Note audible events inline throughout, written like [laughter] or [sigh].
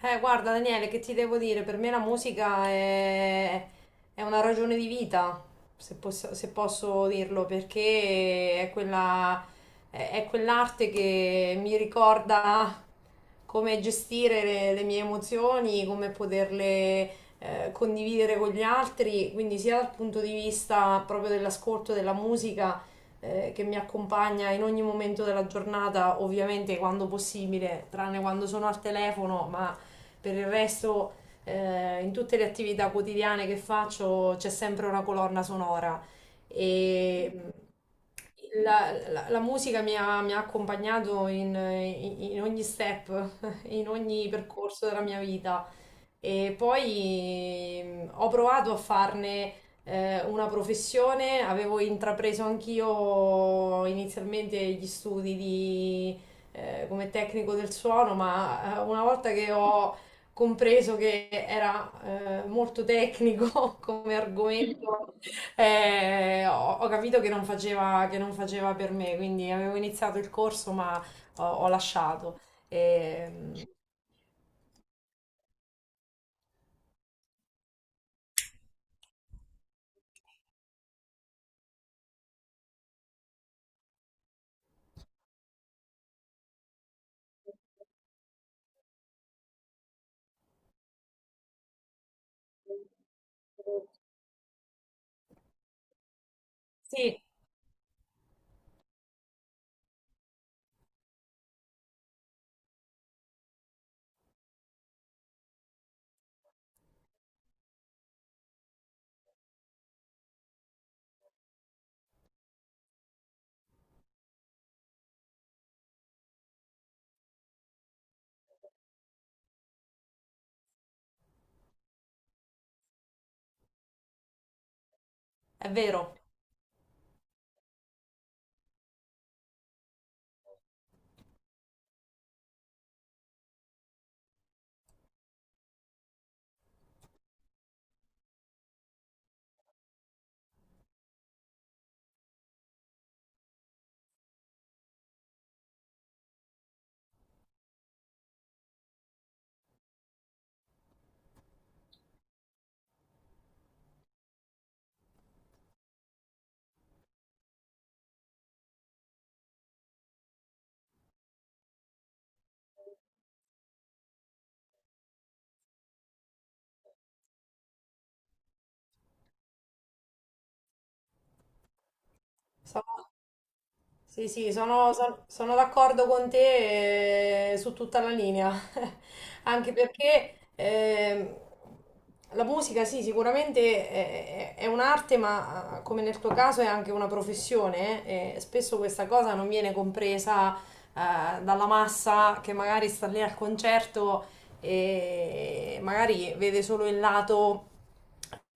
Guarda Daniele, che ti devo dire? Per me la musica è una ragione di vita, se posso, se posso dirlo, perché è quella, è quell'arte che mi ricorda come gestire le mie emozioni, come poterle condividere con gli altri, quindi sia dal punto di vista proprio dell'ascolto della musica che mi accompagna in ogni momento della giornata, ovviamente quando possibile, tranne quando sono al telefono, ma per il resto, in tutte le attività quotidiane che faccio c'è sempre una colonna sonora e la musica mi ha accompagnato in, in ogni step, [laughs] in ogni percorso della mia vita. E poi ho provato a farne una professione, avevo intrapreso anch'io inizialmente gli studi di, come tecnico del suono, ma una volta che ho compreso che era molto tecnico [laughs] come argomento, ho capito che non faceva per me, quindi avevo iniziato il corso ma ho lasciato. Ehm, sì, è vero. Stavo- sono d'accordo con te su tutta la linea, [laughs] anche perché la musica, sì, sicuramente è un'arte, ma come nel tuo caso è anche una professione, e spesso questa cosa non viene compresa dalla massa che magari sta lì al concerto e magari vede solo il lato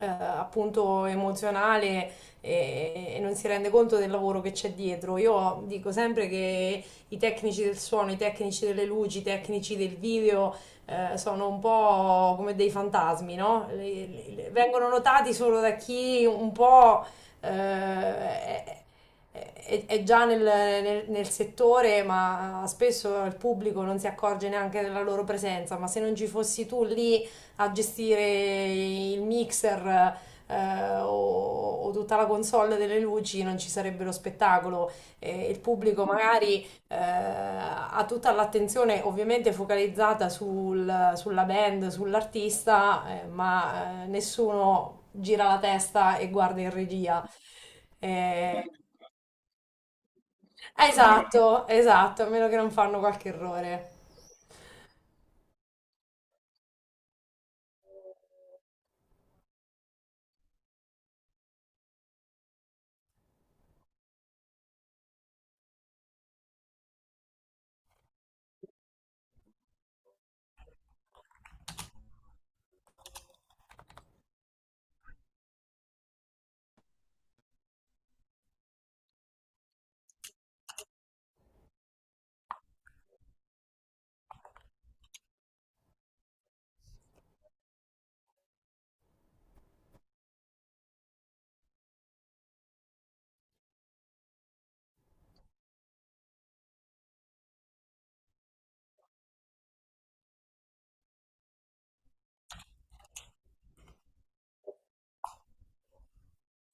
appunto emozionale e non si rende conto del lavoro che c'è dietro. Io dico sempre che i tecnici del suono, i tecnici delle luci, i tecnici del video sono un po' come dei fantasmi, no? Vengono notati solo da chi un po' eh, è, è già nel, nel settore, ma spesso il pubblico non si accorge neanche della loro presenza. Ma se non ci fossi tu lì a gestire il mixer, eh, o, o tutta la console delle luci non ci sarebbe lo spettacolo e il pubblico magari ha tutta l'attenzione ovviamente focalizzata sulla band, sull'artista, ma nessuno gira la testa e guarda in regia. Eh, esatto, esatto, a meno che non fanno qualche errore.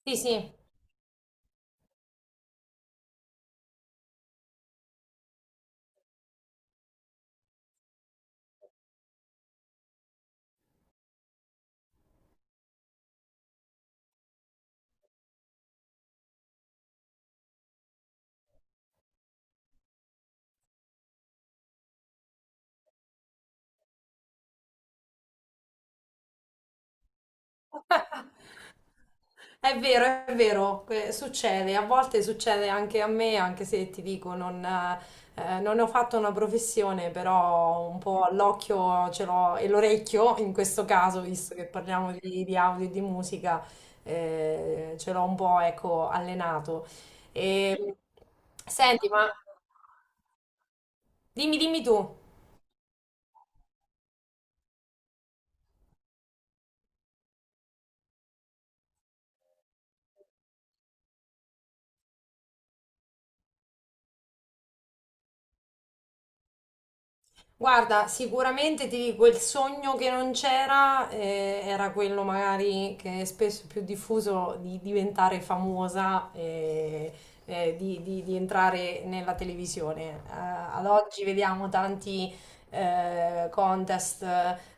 Sì, sì. È vero, succede, a volte succede anche a me, anche se ti dico, non, non ne ho fatto una professione, però un po' l'occhio ce l'ho e l'orecchio, in questo caso, visto che parliamo di audio e di musica, ce l'ho un po', ecco, allenato. E, senti, ma dimmi tu. Guarda, sicuramente ti dico, il sogno che non c'era era quello magari che è spesso più diffuso di diventare famosa, di, di entrare nella televisione. Ad oggi vediamo tanti contest,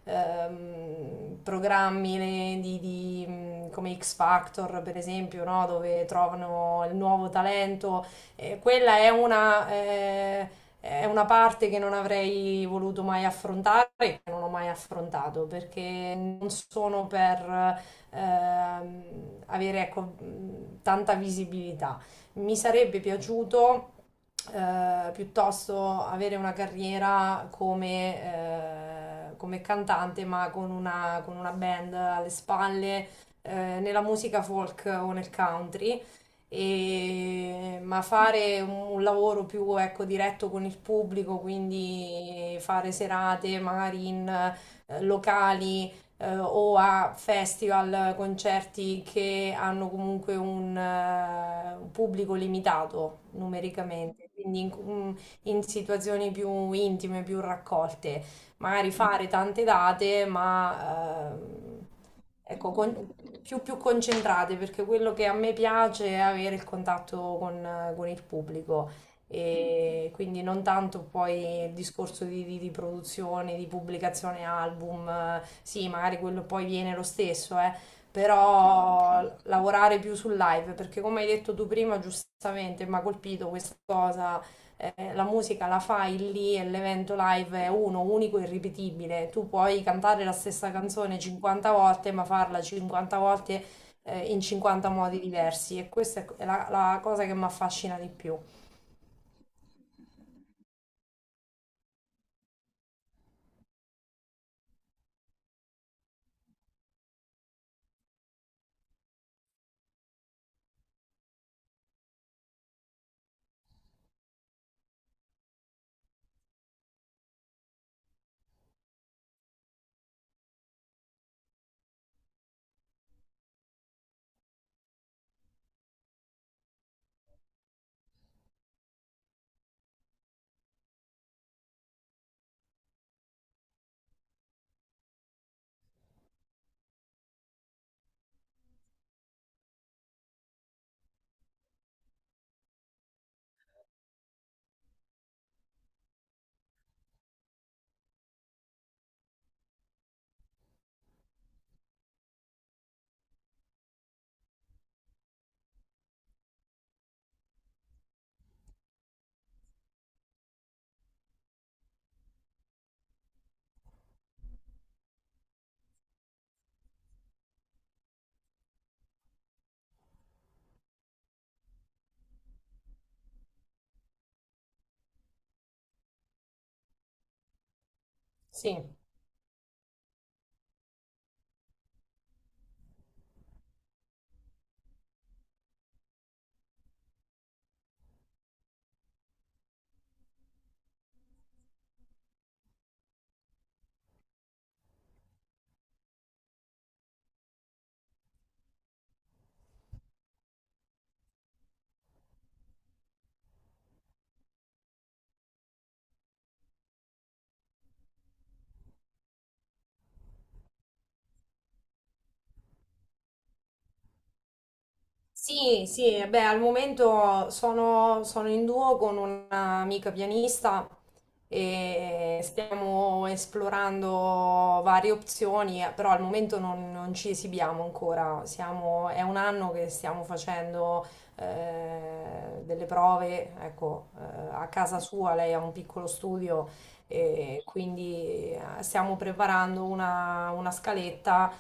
programmi come X Factor, per esempio, no? Dove trovano il nuovo talento. Quella è una parte che non avrei voluto mai affrontare, che non ho mai affrontato, perché non sono per ehm, avere ecco, tanta visibilità. Mi sarebbe piaciuto piuttosto avere una carriera come, come cantante, ma con una band alle spalle, eh, nella musica folk o nel country ma fare un lavoro più ecco, diretto con il pubblico, quindi fare serate magari in locali o a festival, concerti che hanno comunque un pubblico limitato numericamente, quindi in, in situazioni più intime, più raccolte, magari fare tante date, ma ecco, più, più concentrate, perché quello che a me piace è avere il contatto con il pubblico e quindi non tanto poi il discorso di, di produzione, di pubblicazione album, sì, magari quello poi viene lo stesso, però lavorare più sul live, perché come hai detto tu prima, giustamente, mi ha colpito questa cosa la musica la fai lì e l'evento live è uno, unico e irripetibile. Tu puoi cantare la stessa canzone 50 volte, ma farla 50 volte in 50 modi diversi e questa è la cosa che mi affascina di più. Sì. Sì, sì, beh, al momento sono in duo con un'amica pianista e stiamo esplorando varie opzioni, però al momento non, non ci esibiamo ancora. Siamo- è un anno che stiamo facendo delle prove, ecco, a casa sua, lei ha un piccolo studio e quindi stiamo preparando una scaletta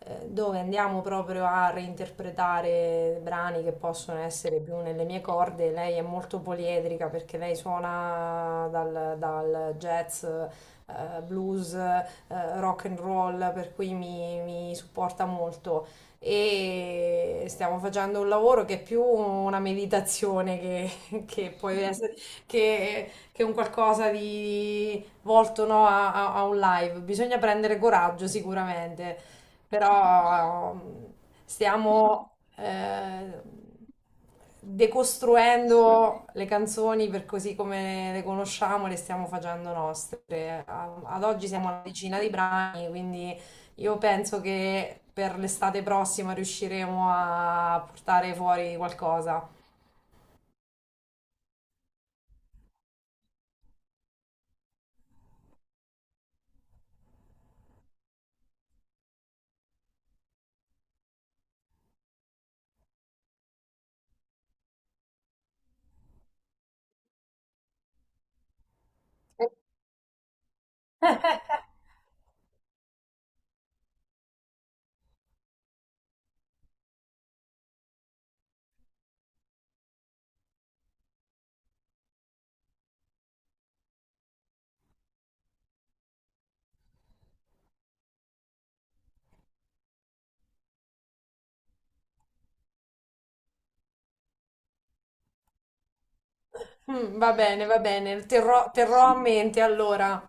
dove andiamo proprio a reinterpretare brani che possono essere più nelle mie corde. Lei è molto poliedrica perché lei suona dal, dal jazz, blues, rock and roll, per cui mi supporta molto. E stiamo facendo un lavoro che è più una meditazione che, [laughs] che può essere, che che è un qualcosa di volto no, a, a un live. Bisogna prendere coraggio sicuramente, però stiamo eh, decostruendo le canzoni per così come le conosciamo, le stiamo facendo nostre. Ad oggi siamo alla decina di brani, quindi io penso che per l'estate prossima riusciremo a portare fuori qualcosa. Mm, va bene, terrò a mente allora.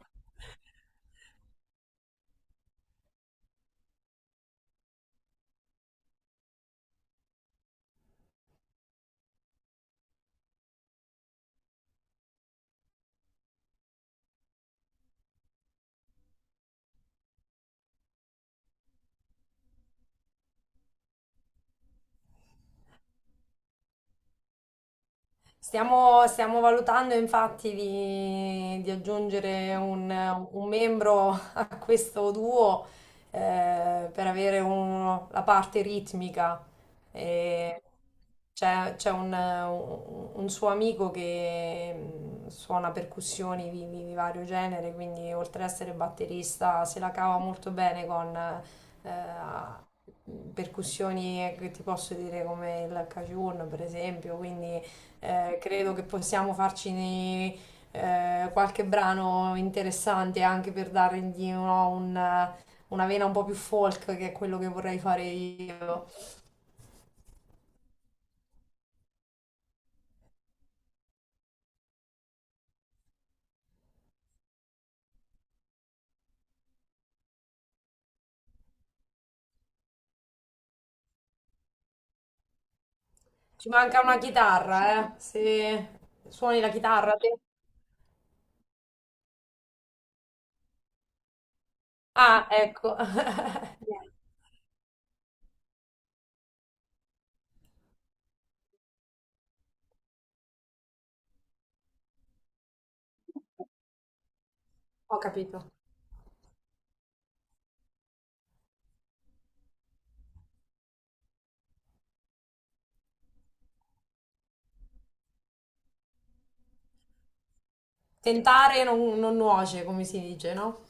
Stiamo valutando infatti di aggiungere un membro a questo duo per avere la parte ritmica. E c'è un suo amico che suona percussioni di, di vario genere, quindi oltre ad essere batterista se la cava molto bene con eh, percussioni che ti posso dire come il cajun per esempio, quindi credo che possiamo farci qualche brano interessante anche per dargli no, una vena un po' più folk, che è quello che vorrei fare io. Ci manca una chitarra, eh? Se suoni la chitarra te? Ah, ecco. [laughs] Ho capito. Tentare non, non nuoce, come si dice, no?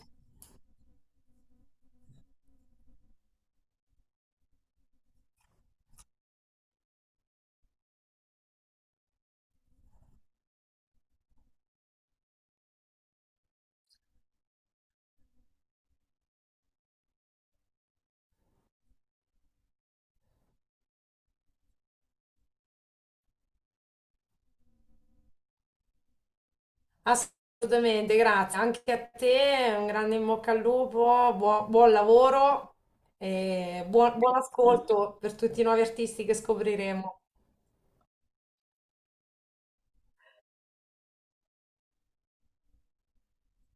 Assolutamente, grazie. Anche a te, un grande in bocca al lupo, buon lavoro e buon, buon ascolto per tutti i nuovi artisti che scopriremo.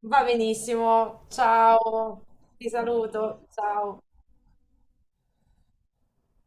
Va benissimo, ciao, ti saluto, ciao.